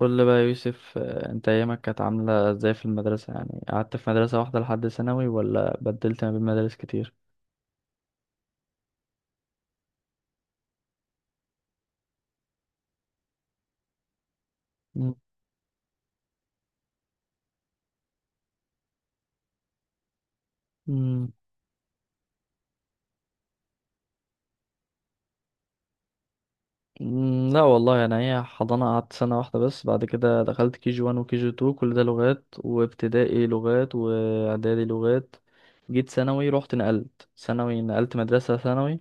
قول لي بقى يا يوسف، انت ايامك كانت عاملة ازاي في المدرسة؟ يعني قعدت في مدرسة واحدة لحد ثانوي، ولا بدلت ما بين مدارس كتير؟ مم. مم. لا والله، انا هي حضانة قعدت سنة واحدة بس، بعد كده دخلت كي جي 1 وكي جي 2، كل ده لغات، وابتدائي لغات، واعدادي لغات. جيت ثانوي رحت نقلت، ثانوي نقلت مدرسة ثانوي.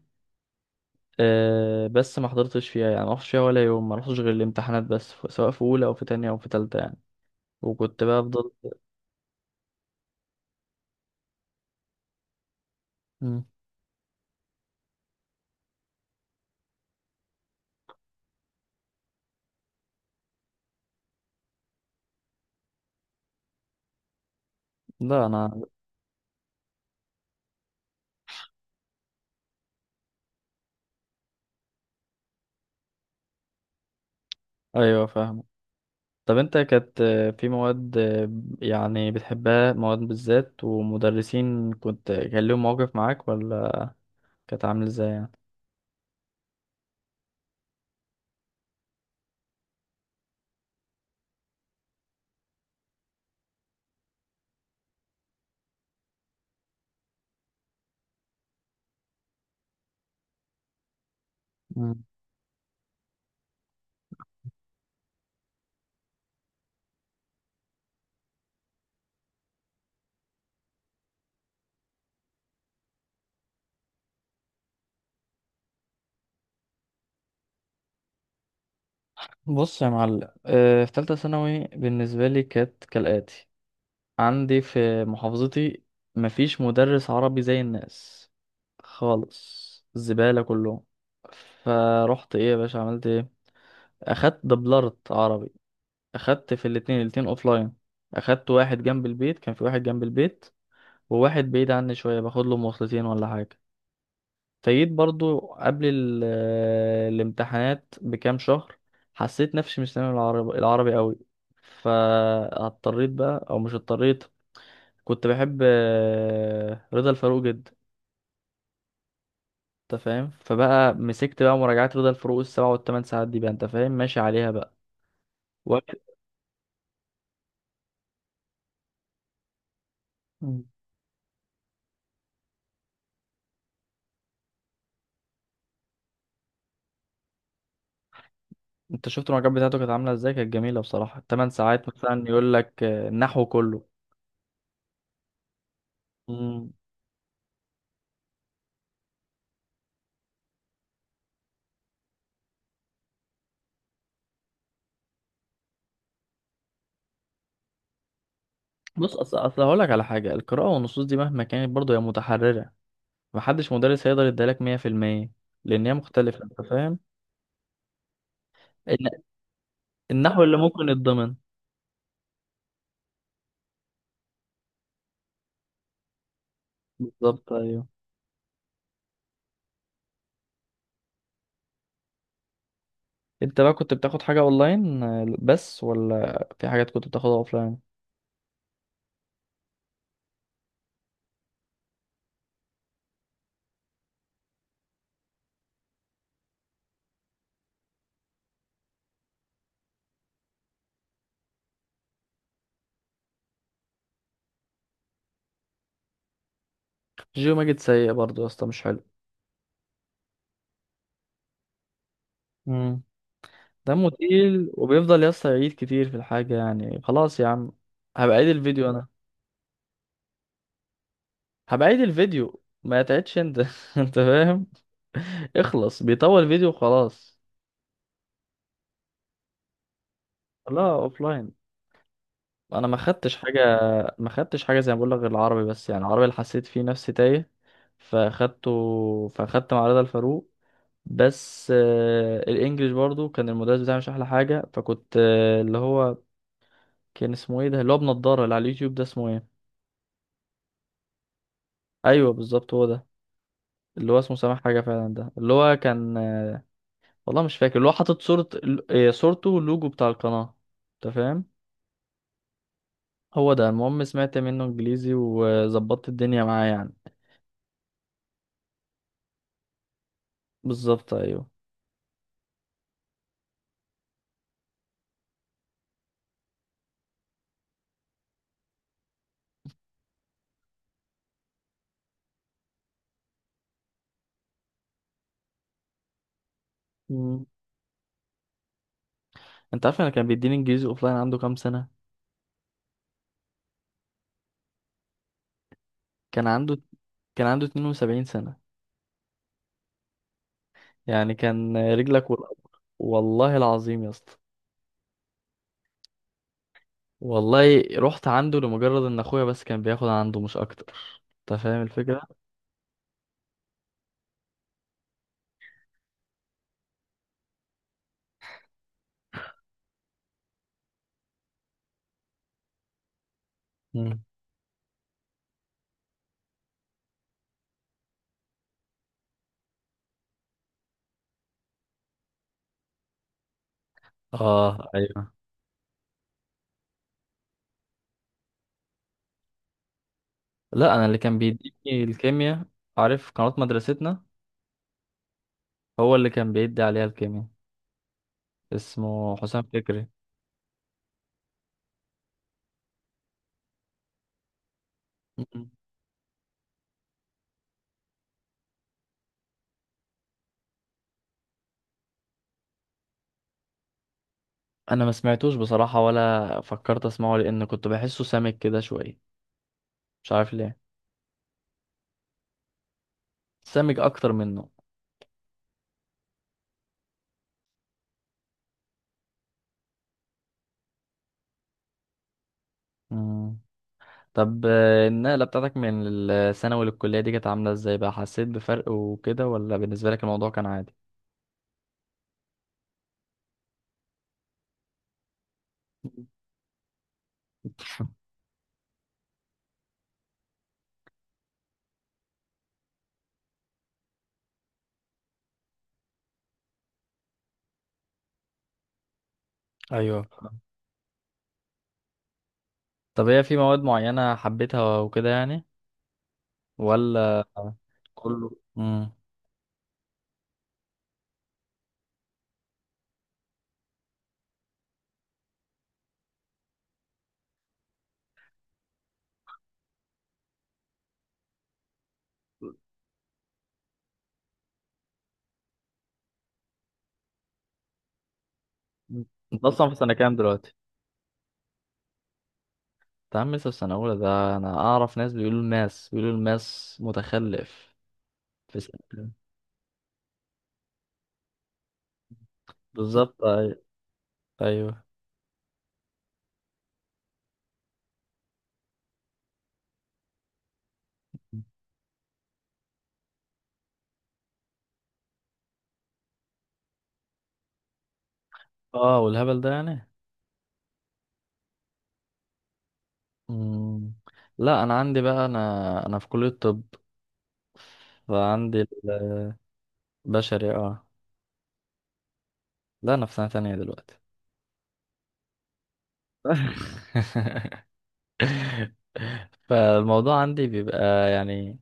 أه بس ما حضرتش فيها، يعني ما رحتش فيها ولا يوم، ما رحتش غير الامتحانات بس، سواء في اولى او في تانية او في تالتة يعني. وكنت بقى افضل. مم. لا انا. ايوه فاهم. طب انت كانت في مواد يعني بتحبها، مواد بالذات، ومدرسين كنت كان لهم مواقف معاك ولا، كانت عامل ازاي يعني؟ مم. بص يا معلم، في تالتة ثانوي بالنسبة لي كانت كالآتي: عندي في محافظتي مفيش مدرس عربي زي الناس خالص، الزبالة كلهم. فروحت، ايه يا باشا، عملت ايه؟ اخدت دبلرت عربي، اخدت في الاتنين، الاتنين اوفلاين. اخدت واحد جنب البيت، كان في واحد جنب البيت، وواحد بعيد عني شوية باخد له مواصلتين ولا حاجة. فجيت برضو قبل الامتحانات بكام شهر، حسيت نفسي مش سامع العربي، العربي قوي. فاضطريت بقى، او مش اضطريت، كنت بحب رضا الفاروق جدا، انت فاهم. فبقى مسكت بقى مراجعات رضا الفاروق السبع والثمان ساعات دي، بقى انت فاهم ماشي عليها بقى وقت. مم. انت شفت المراجعات بتاعته كانت عامله ازاي؟ كانت جميله بصراحه، الثمان ساعات مثلا يقول لك النحو كله. بص، اصل هقول لك على حاجه، القراءه والنصوص دي مهما كانت برضه هي متحرره، محدش مدرس هيقدر يديلك 100%، لان هي مختلفه، انت فاهم. الن- النحو اللي ممكن يتضمن. بالظبط ايوه. انت بقى كنت بتاخد حاجه اونلاين بس، ولا في حاجات كنت بتاخدها اوفلاين؟ جيو ماجد سيء برضه يا اسطى، مش حلو. امم دمه تقيل، وبيفضل يا اسطى يعيد كتير في الحاجه، يعني خلاص يا عم، هبقى عيد الفيديو انا. هبقى عيد الفيديو، ما تعيدش انت انت فاهم. اخلص، بيطول فيديو خلاص. لا اوف لاين. انا ما خدتش حاجه. ما خدتش حاجه زي ما بقول لك غير العربي بس، يعني العربي اللي حسيت فيه نفسي تايه فاخدته، فاخدت مع رضا الفاروق بس. الانجليش برضو كان المدرس بتاعي مش احلى حاجه، فكنت اللي هو كان اسمه ايه ده؟ اللي هو بنضاره اللي على اليوتيوب ده، اسمه ايه؟ ايوه بالظبط هو ده، اللي هو اسمه سامح حاجه فعلا. ده اللي هو كان والله مش فاكر، اللي هو حاطط صوره، صورته واللوجو بتاع القناه، انت فاهم. هو ده المهم، سمعت منه انجليزي وظبطت الدنيا معاه يعني. بالظبط ايوه. مم. انت عارف، انا كان بيديني انجليزي اوفلاين عنده كام سنة؟ كان عنده كان عنده 72 سنة، يعني كان رجلك والقبر، والله العظيم يا اسطى. والله رحت عنده لمجرد ان اخويا بس كان بياخد عنده، مش اكتر، انت فاهم الفكرة. مم. اه ايوه. لا انا اللي كان بيديني الكيمياء، عارف قناة مدرستنا؟ هو اللي كان بيدي عليها الكيمياء، اسمه حسام فكري. مم. انا ما سمعتوش بصراحة، ولا فكرت اسمعه، لان كنت بحسه سامج كده شوية، مش عارف ليه. سامج اكتر منه. مم. طب النقلة بتاعتك من الثانوي للكلية دي كانت عاملة ازاي بقى؟ حسيت بفرق وكده، ولا بالنسبة لك الموضوع كان عادي؟ ايوه. طب هي في مواد معينة حبيتها وكده يعني، ولا كله؟ مم. انت اصلا في سنة كام دلوقتي؟ انت عم لسه في سنة أولى؟ ده أنا أعرف ناس بيقولوا الماس، بيقولوا الماس متخلف في سنة. بالظبط أيوه. أيوه. أه والهبل ده يعني. مم. لا انا عندي بقى، انا في كلية الطب، فعندي البشري اه. لا انا في سنة تانية دلوقتي. فالموضوع عندي بيبقى يعني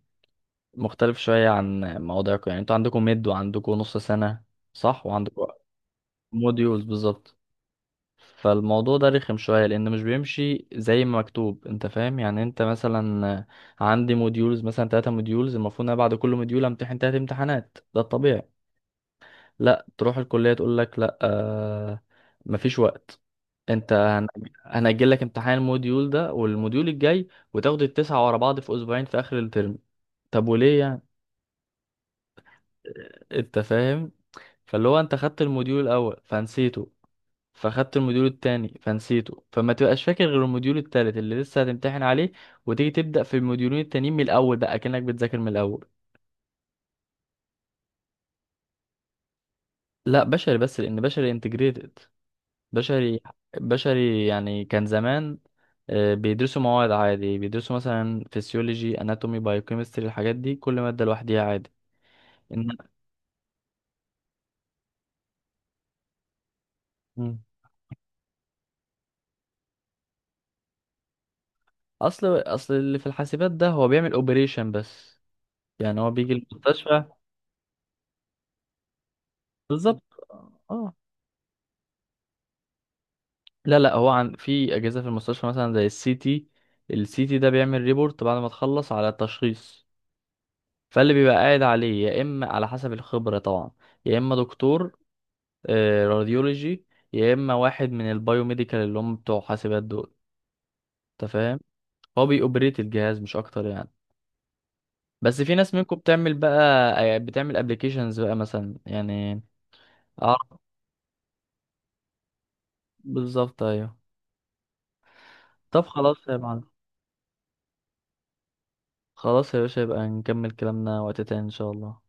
مختلف شوية عن مواضيعكم، يعني انتوا عندكم ميد وعندكم نص سنة صح، وعندكم موديولز بالظبط. فالموضوع ده رخم شوية، لأن مش بيمشي زي ما مكتوب، أنت فاهم يعني. أنت مثلا عندي موديولز مثلا 3 موديولز، المفروض أنا بعد كل موديول أمتحن 3 امتحانات، ده الطبيعي. لا، تروح الكلية تقول لك لا، آه مفيش وقت، انت هنأجل لك امتحان الموديول ده والموديول الجاي، وتاخد التسعة ورا بعض في اسبوعين في اخر الترم. طب وليه يعني؟ انت فاهم. فاللي هو انت خدت الموديول الاول فنسيته، فخدت الموديول التاني فنسيته، فما تبقاش فاكر غير الموديول التالت اللي لسه هتمتحن عليه، وتيجي تبدأ في الموديولين التانيين من الاول بقى كأنك بتذاكر من الاول. لا بشري بس، لان بشري انتجريتد. بشري بشري يعني كان زمان بيدرسوا مواد عادي، بيدرسوا مثلا فسيولوجي اناتومي بايوكيمستري الحاجات دي، كل مادة لوحديها عادي. إن مم. اصل اللي في الحاسبات ده هو بيعمل اوبريشن بس، يعني هو بيجي المستشفى. بالظبط اه. لا لا، هو عن في اجهزه في المستشفى، مثلا زي السي تي ده بيعمل ريبورت بعد ما تخلص على التشخيص، فاللي بيبقى قاعد عليه يا اما على حسب الخبره طبعا، يا اما دكتور راديولوجي، يا اما واحد من البايوميديكال اللي هم بتوع حاسبات دول، انت فاهم. هو بيوبريت الجهاز مش اكتر يعني. بس في ناس منكم بتعمل بقى بتعمل ابلكيشنز بقى مثلا يعني. اعرف. بالظبط ايوه. طب خلاص يا معلم. خلاص يا باشا، يبقى نكمل كلامنا وقت تاني ان شاء الله.